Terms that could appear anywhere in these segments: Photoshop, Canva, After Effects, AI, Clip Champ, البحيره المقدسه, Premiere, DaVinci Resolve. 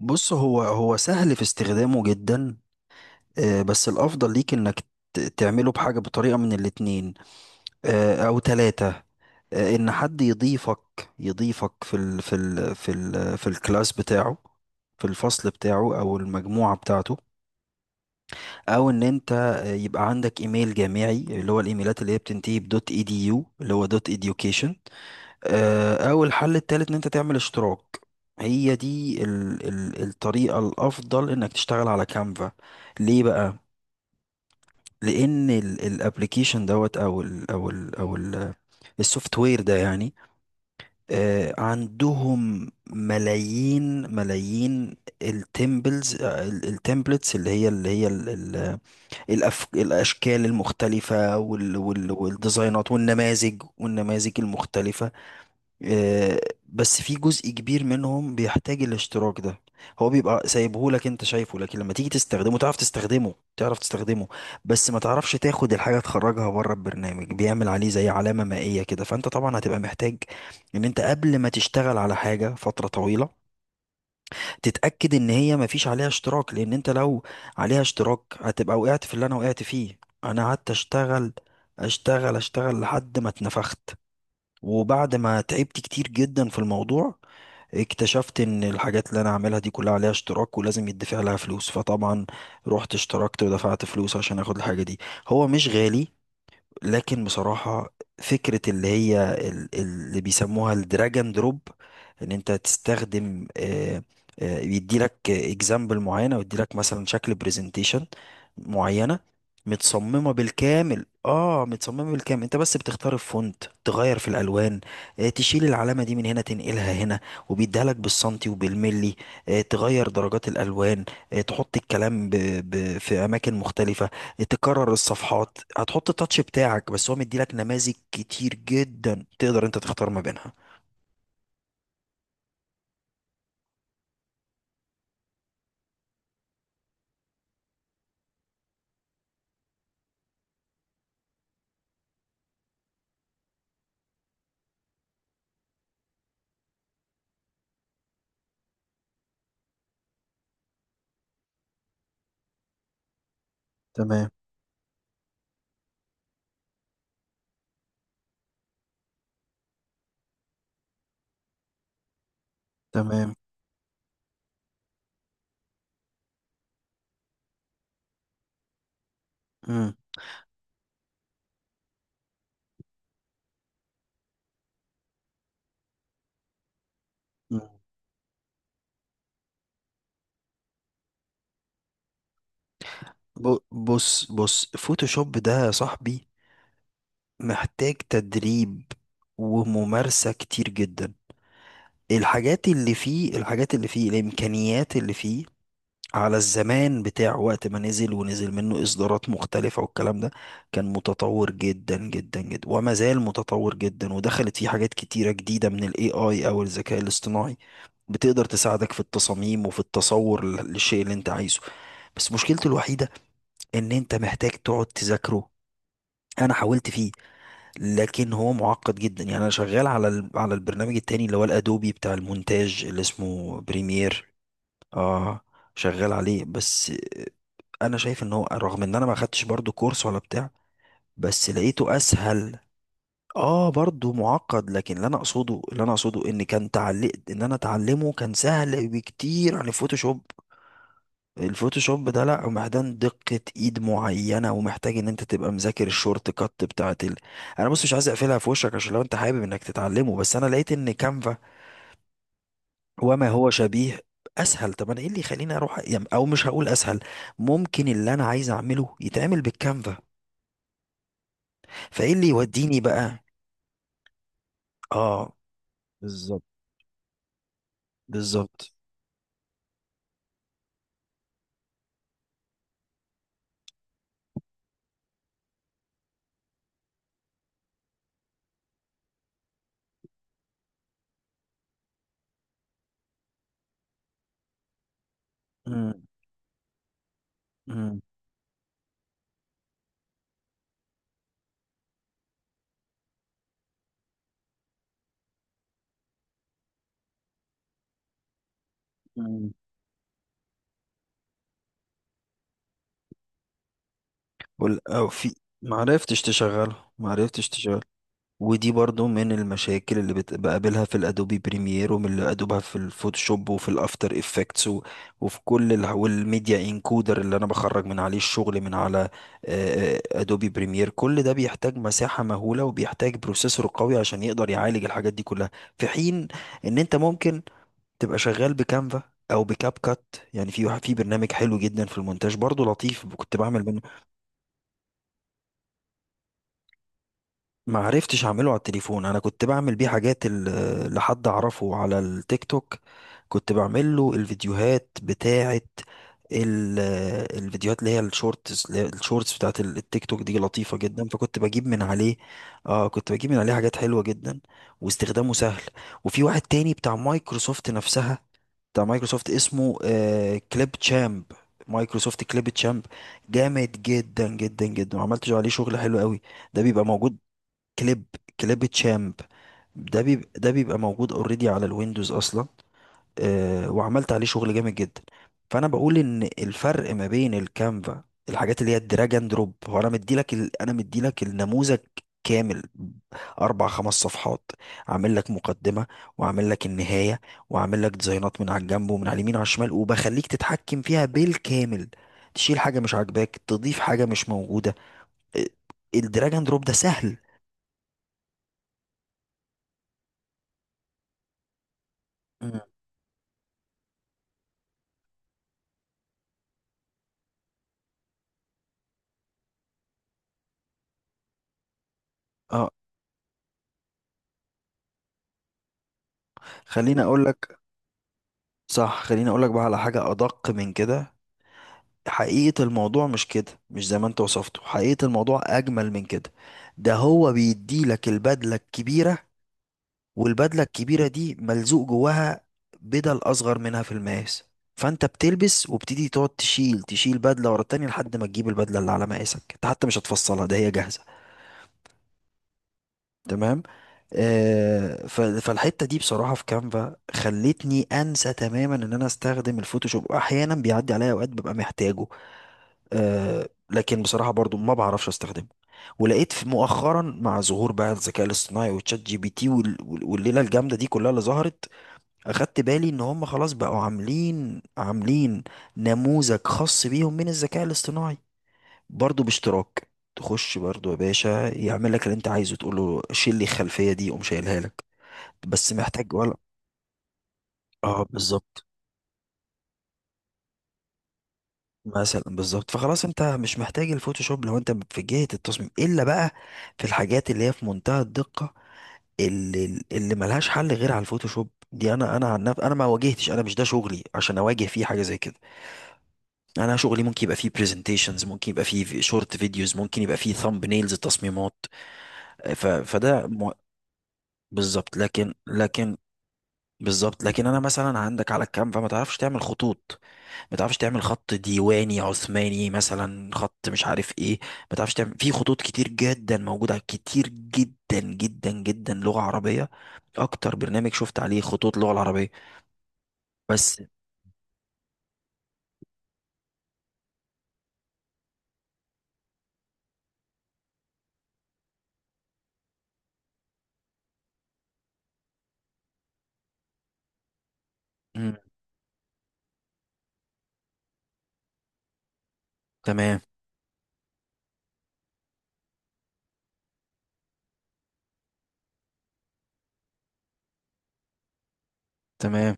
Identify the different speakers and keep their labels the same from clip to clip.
Speaker 1: بص، هو سهل في استخدامه جدا. بس الافضل ليك انك تعمله بحاجه بطريقه من الاتنين، او ثلاثه. ان حد يضيفك، يضيفك في الكلاس بتاعه، في الفصل بتاعه او المجموعه بتاعته. او ان انت، يبقى عندك ايميل جامعي، اللي هو الايميلات اللي هي بتنتهي بدوت اي دي يو، اللي هو دوت education. او الحل التالت ان انت تعمل اشتراك. هي دي ال الطريقة الافضل انك تشتغل على كانفا. ليه بقى؟ لان الابلكيشن دوت او ال او ال او السوفت وير ده يعني، عندهم ملايين ملايين التمبلتس، اللي هي اللي هي ال ال الاشكال المختلفة، والديزاينات، والنماذج المختلفة. آه، بس في جزء كبير منهم بيحتاج الاشتراك ده. هو بيبقى سايبهولك انت شايفه، لكن لما تيجي تستخدمه، تعرف تستخدمه، بس ما تعرفش تاخد الحاجة تخرجها بره، البرنامج بيعمل عليه زي علامة مائية كده. فانت طبعا هتبقى محتاج ان انت، قبل ما تشتغل على حاجة فترة طويلة، تتأكد ان هي ما فيش عليها اشتراك. لان انت لو عليها اشتراك، هتبقى وقعت في اللي انا وقعت فيه. انا قعدت اشتغل لحد ما اتنفخت، وبعد ما تعبت كتير جدا في الموضوع، اكتشفت ان الحاجات اللي انا عاملها دي كلها عليها اشتراك ولازم يدفع لها فلوس. فطبعا رحت اشتركت ودفعت فلوس عشان اخد الحاجة دي. هو مش غالي، لكن بصراحة فكرة اللي هي اللي بيسموها الدراجون دروب، ان انت تستخدم يديلك اكزامبل معينة، ويديلك مثلا شكل برزنتيشن معينة، متصممة بالكامل. اه، متصممة بالكامل، انت بس بتختار الفونت، تغير في الالوان، تشيل العلامة دي من هنا تنقلها هنا، وبيديها لك بالسنتي وبالملي، تغير درجات الالوان، تحط الكلام في اماكن مختلفة، تكرر الصفحات، هتحط التاتش بتاعك. بس هو مديلك نماذج كتير جدا تقدر انت تختار ما بينها. تمام. تمام. مم. مم. بص، فوتوشوب ده يا صاحبي محتاج تدريب وممارسة كتير جدا. الحاجات اللي فيه، الإمكانيات اللي فيه، على الزمان بتاع وقت ما نزل، ونزل منه إصدارات مختلفة والكلام ده، كان متطور جدا جدا جدا، وما زال متطور جدا. ودخلت فيه حاجات كتيرة جديدة من ال AI أو الذكاء الاصطناعي، بتقدر تساعدك في التصاميم وفي التصور للشيء اللي أنت عايزه. بس مشكلته الوحيدة إن أنت محتاج تقعد تذاكره. أنا حاولت فيه، لكن هو معقد جدا. يعني أنا شغال على على البرنامج التاني اللي هو الأدوبي بتاع المونتاج اللي اسمه بريمير. اه، شغال عليه. بس انا شايف ان هو، رغم ان انا ما خدتش برضو كورس ولا بتاع، بس لقيته اسهل. اه، برضو معقد، لكن اللي انا اقصده ان كان تعليق ان انا اتعلمه كان سهل بكتير عن الفوتوشوب. الفوتوشوب ده لا، محتاج دقة ايد معينة، ومحتاج ان انت تبقى مذاكر الشورت كات بتاعت انا بص، مش عايز اقفلها في وشك، عشان لو انت حابب انك تتعلمه. بس انا لقيت ان كانفا وما هو شبيه اسهل. طب انا ايه اللي يخليني اروح يعني؟ او مش هقول اسهل، ممكن اللي انا عايز اعمله يتعمل بالكانفا، فايه اللي يوديني بقى؟ اه، بالظبط. بالظبط. امم. امم. وال- او في، ما عرفتش ما عرفتش تشغله. ودي برضو من المشاكل اللي بقابلها في الادوبي بريمير، ومن اللي بقابلها في الفوتوشوب وفي الافتر افكتس وفي كل والميديا انكودر اللي انا بخرج من عليه الشغل، من على، ادوبي بريمير. كل ده بيحتاج مساحة مهولة وبيحتاج بروسيسور قوي عشان يقدر يعالج الحاجات دي كلها. في حين ان انت ممكن تبقى شغال بكانفا او بكاب كات. يعني في في برنامج حلو جدا في المونتاج برضو لطيف، كنت بعمل منه. ما عرفتش اعمله على التليفون. انا كنت بعمل بيه حاجات لحد اعرفه على التيك توك، كنت بعمل له الفيديوهات بتاعه، ال- الفيديوهات اللي هي الشورتس بتاعه التيك توك، دي لطيفه جدا. فكنت بجيب من عليه، اه، كنت بجيب من عليه حاجات حلوه جدا، واستخدامه سهل. وفي واحد تاني بتاع مايكروسوفت نفسها، بتاع مايكروسوفت اسمه آه كليب تشامب، مايكروسوفت كليب تشامب. جامد جدا جدا جدا، وعملت عليه شغل حلو قوي. ده بيبقى موجود. كليب، كليب تشامب. ده بيبقى موجود اوريدي على الويندوز اصلا. آه، وعملت عليه شغل جامد جدا. فانا بقول ان الفرق ما بين الكانفا، الحاجات اللي هي الدراج اند دروب، هو انا مديلك انا مديلك النموذج كامل، اربع خمس صفحات، عامل لك مقدمه، وعامل لك النهايه، وعامل لك ديزاينات من على الجنب ومن على اليمين وعلى الشمال، وبخليك تتحكم فيها بالكامل. تشيل حاجه مش عاجباك، تضيف حاجه مش موجوده. آه، الدراج اند دروب ده سهل. مم. اه، خليني اقول لك. صح، خليني اقول لك بقى على حاجه ادق من كده. حقيقه الموضوع مش كده، مش زي ما انت وصفته. حقيقه الموضوع اجمل من كده. ده هو بيدي لك البدله الكبيره، والبدله الكبيره دي ملزوق جواها بدل اصغر منها في المقاس. فانت بتلبس وبتدي، تقعد تشيل، بدله ورا التانية، لحد ما تجيب البدله اللي على مقاسك. انت حتى مش هتفصلها، ده هي جاهزه. تمام. فالحته دي بصراحه في كانفا خلتني انسى تماما ان انا استخدم الفوتوشوب. احيانا بيعدي عليا اوقات ببقى محتاجه، لكن بصراحه برضو ما بعرفش استخدمه. ولقيت في مؤخرا، مع ظهور بقى الذكاء الاصطناعي وتشات جي بي تي والليله الجامده دي كلها اللي ظهرت، اخدت بالي ان هم خلاص بقوا عاملين نموذج خاص بيهم من الذكاء الاصطناعي، برضو باشتراك. تخش برضو يا باشا يعمل لك اللي انت عايزه، تقول له شيل لي الخلفيه دي، قوم شايلها لك. بس محتاج ولا، اه بالظبط. مثلا، بالظبط. فخلاص انت مش محتاج الفوتوشوب لو انت في جهه التصميم، الا بقى في الحاجات اللي هي في منتهى الدقه، اللي ملهاش حل غير على الفوتوشوب. دي انا عن نفسي انا ما واجهتش، انا مش ده شغلي عشان اواجه فيه حاجه زي كده. انا شغلي ممكن يبقى فيه برزنتيشنز، ممكن يبقى فيه شورت فيديوز، ممكن يبقى فيه ثامب نيلز تصميمات، ف... فده مو- بالظبط. لكن، بالظبط. لكن انا مثلا، عندك على الكانفا ما تعرفش تعمل خطوط. ما تعرفش تعمل خط ديواني عثماني مثلا، خط مش عارف ايه. ما تعرفش، تعمل في خطوط كتير جدا موجوده كتير جدا جدا جدا لغه عربيه. اكتر برنامج شفت عليه خطوط لغه العربيه. بس، مم. تمام. تمام.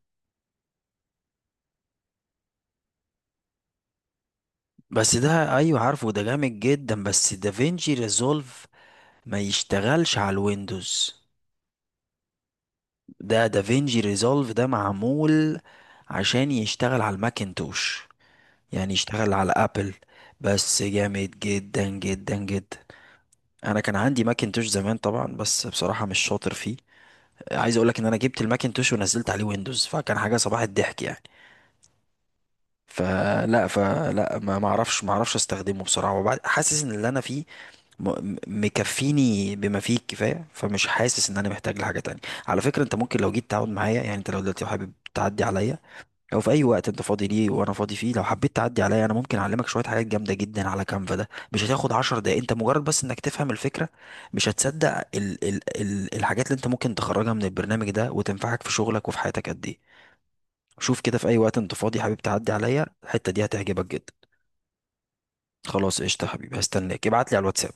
Speaker 1: بس ده ايوه، عارفه ده جامد جدا بس. دافينشي ريزولف ما يشتغلش على الويندوز. ده دافينشي ريزولف ده معمول عشان يشتغل على الماكنتوش، يعني اشتغل على ابل. بس جامد جدا جدا جدا. انا كان عندي ماكنتوش زمان طبعا، بس بصراحة مش شاطر فيه. عايز اقولك ان انا جبت الماكنتوش ونزلت عليه ويندوز، فكان حاجة صباح الضحك يعني. فلا، ما اعرفش، استخدمه بصراحة. وبعد حاسس ان اللي انا فيه مكفيني بما فيه الكفاية، فمش حاسس ان انا محتاج لحاجة تانية. على فكرة انت ممكن، لو جيت تقعد معايا، يعني انت لو دلوقتي حابب تعدي عليا، لو في اي وقت انت فاضي ليه وانا فاضي فيه، لو حبيت تعدي عليا، انا ممكن اعلمك شويه حاجات جامده جدا على كانفا. ده مش هتاخد 10 دقايق، انت مجرد بس انك تفهم الفكره. مش هتصدق ال الحاجات اللي انت ممكن تخرجها من البرنامج ده وتنفعك في شغلك وفي حياتك قد ايه. شوف كده، في اي وقت انت فاضي حبيب تعدي عليا، الحته دي هتعجبك جدا. خلاص قشطه يا حبيبي، هستناك. ابعت لي على الواتساب.